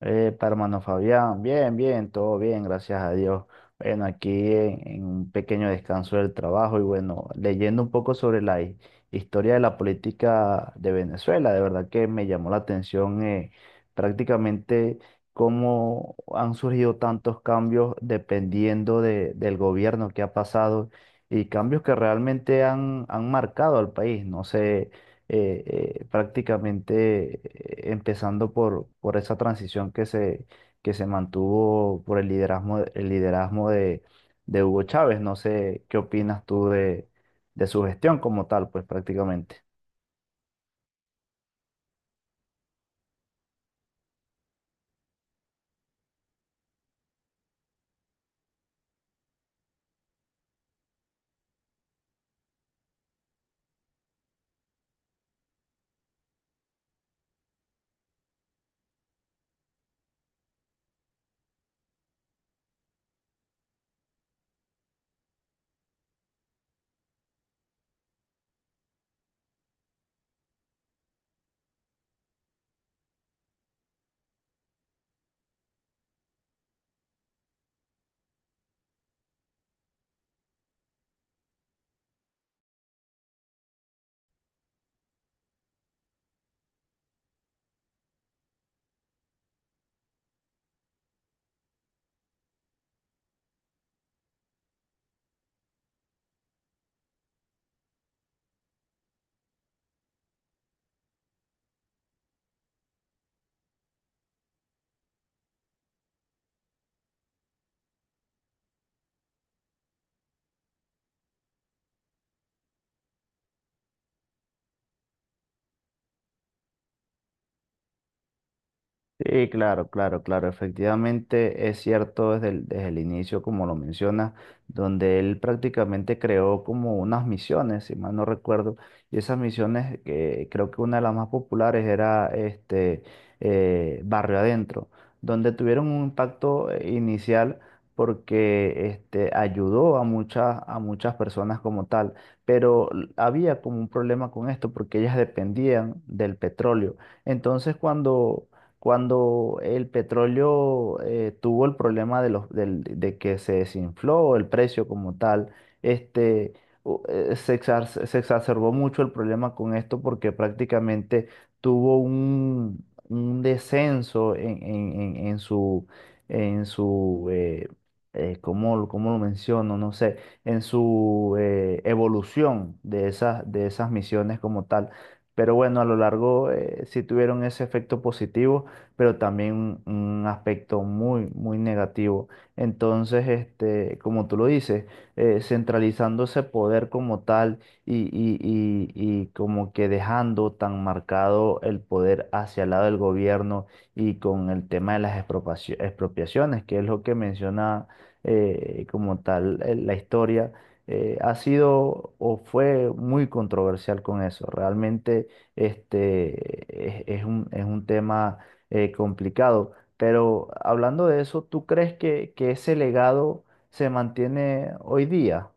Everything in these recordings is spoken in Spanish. Epa, hermano Fabián, bien, bien, todo bien, gracias a Dios. Bueno, aquí en un pequeño descanso del trabajo y bueno, leyendo un poco sobre la historia de la política de Venezuela, de verdad que me llamó la atención prácticamente cómo han surgido tantos cambios dependiendo del gobierno que ha pasado y cambios que realmente han marcado al país. No sé. eh, Prácticamente, empezando por esa transición que se mantuvo por el liderazgo de Hugo Chávez. No sé qué opinas tú de su gestión como tal, pues prácticamente. Sí, claro, claro, claro. Efectivamente es cierto desde desde el inicio, como lo mencionas, donde él prácticamente creó como unas misiones, si mal no recuerdo, y esas misiones, creo que una de las más populares era Barrio Adentro, donde tuvieron un impacto inicial porque este, ayudó a a muchas personas como tal, pero había como un problema con esto porque ellas dependían del petróleo. Entonces, cuando el petróleo tuvo el problema de que se desinfló el precio como tal, este, se exacerbó mucho el problema con esto porque prácticamente tuvo un descenso en su cómo lo menciono? No sé, en su evolución de de esas misiones como tal. Pero bueno, a lo largo, sí tuvieron ese efecto positivo, pero también un, un aspecto muy negativo. Entonces, este, como tú lo dices, centralizando ese poder como tal y, y como que dejando tan marcado el poder hacia el lado del gobierno y con el tema de las expropiaciones, que es lo que menciona como tal, la historia ha sido o fue muy controversial con eso. Realmente este, es es un tema complicado. Pero hablando de eso, ¿tú crees que ese legado se mantiene hoy día?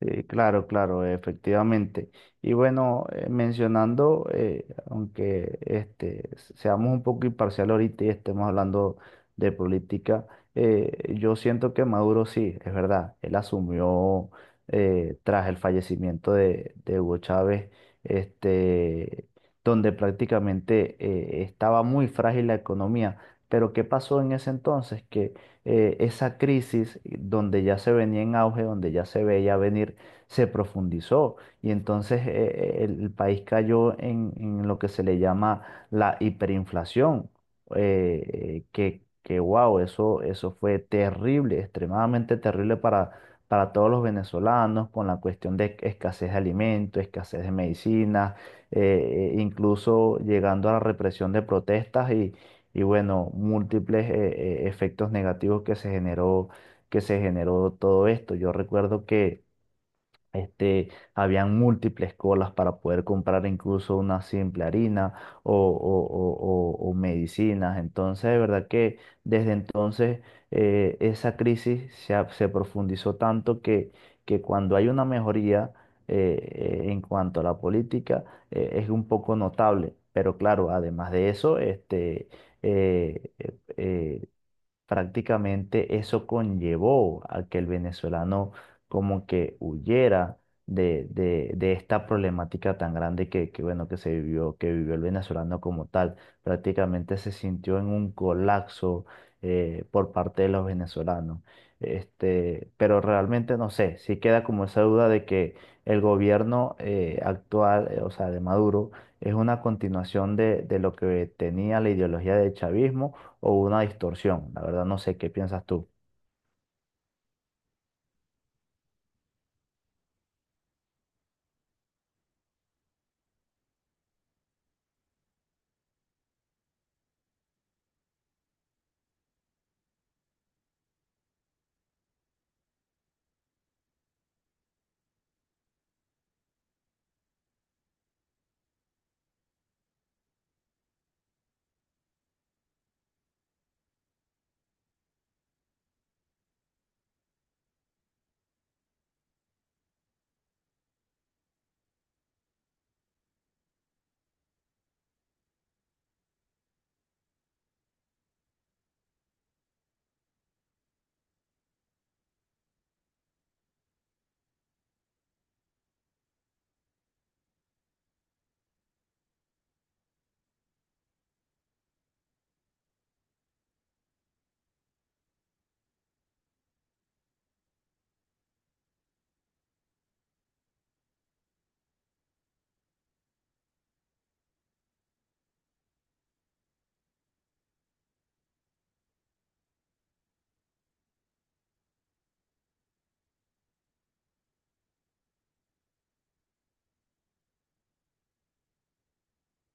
Sí, claro, claro, efectivamente. Y bueno, mencionando, aunque este, seamos un poco imparcial ahorita y estemos hablando de política, yo siento que Maduro sí, es verdad, él asumió tras el fallecimiento de Hugo Chávez, este, donde prácticamente estaba muy frágil la economía. Pero ¿qué pasó en ese entonces? Esa crisis donde ya se venía en auge, donde ya se veía venir, se profundizó, y entonces el país cayó en lo que se le llama la hiperinflación, que wow, eso fue terrible, extremadamente terrible para todos los venezolanos, con la cuestión de escasez de alimentos, escasez de medicinas, incluso llegando a la represión de protestas. Y y bueno, múltiples efectos negativos que se que se generó todo esto. Yo recuerdo que este, habían múltiples colas para poder comprar incluso una simple harina, o, o- o medicinas. Entonces, de verdad que desde entonces, esa crisis se profundizó tanto que cuando hay una mejoría en cuanto a la política es un poco notable. Pero claro, además de eso, este, eh, eh, eh, prácticamente eso conllevó a que el venezolano como que huyera de esta problemática tan grande bueno, que vivió el venezolano como tal. Prácticamente se sintió en un colapso por parte de los venezolanos. Este, pero realmente no sé, sí queda como esa duda de que el gobierno actual, o sea, de Maduro, es una continuación de lo que tenía la ideología del chavismo o una distorsión. La verdad no sé qué piensas tú.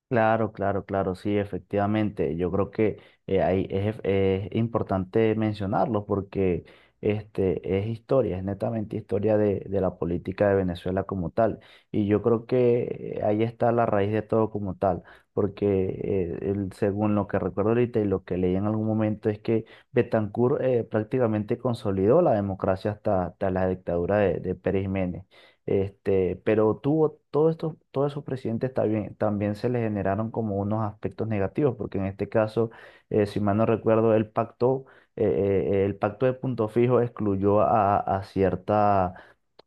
Claro, claro, claro, sí, efectivamente. Yo creo que es importante mencionarlo porque este, es historia, es netamente historia de la política de Venezuela como tal. Y yo creo que ahí está la raíz de todo como tal, porque según lo que recuerdo ahorita y lo que leí en algún momento es que Betancourt prácticamente consolidó la democracia hasta, hasta la dictadura de Pérez Jiménez. Este, pero tuvo todos estos, todos esos presidentes también, también se le generaron como unos aspectos negativos, porque en este caso, si mal no recuerdo, el pacto de Punto Fijo excluyó a cierta,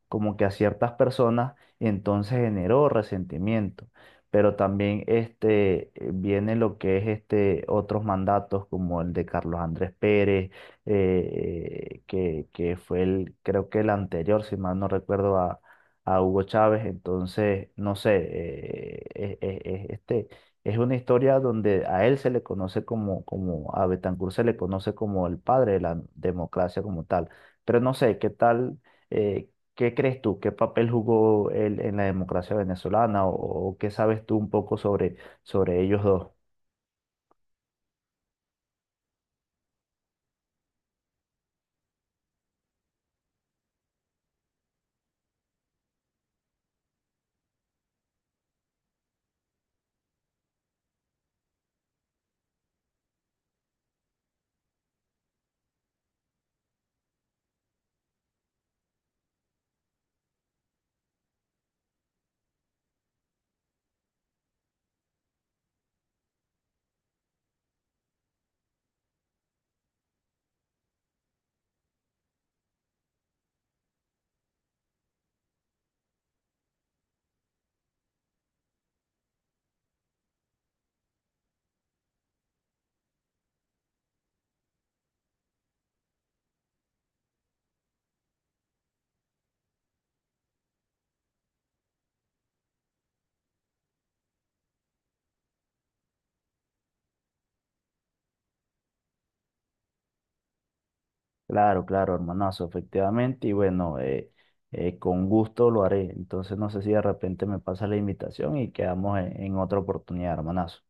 como que a ciertas personas, entonces generó resentimiento. Pero también este, viene lo que es este, otros mandatos, como el de Carlos Andrés Pérez, eh, que fue el, creo que el anterior, si mal no recuerdo, a Hugo Chávez. Entonces, no sé, este, es una historia donde a él se le conoce a Betancourt se le conoce como el padre de la democracia como tal. Pero no sé, ¿qué tal? eh, ¿Qué crees tú? ¿Qué papel jugó él en la democracia venezolana? O qué sabes tú un poco sobre, sobre ellos dos? Claro, claro, hermanazo, efectivamente. Y bueno, con gusto lo haré. Entonces no sé si de repente me pasa la invitación y quedamos en otra oportunidad, hermanazo.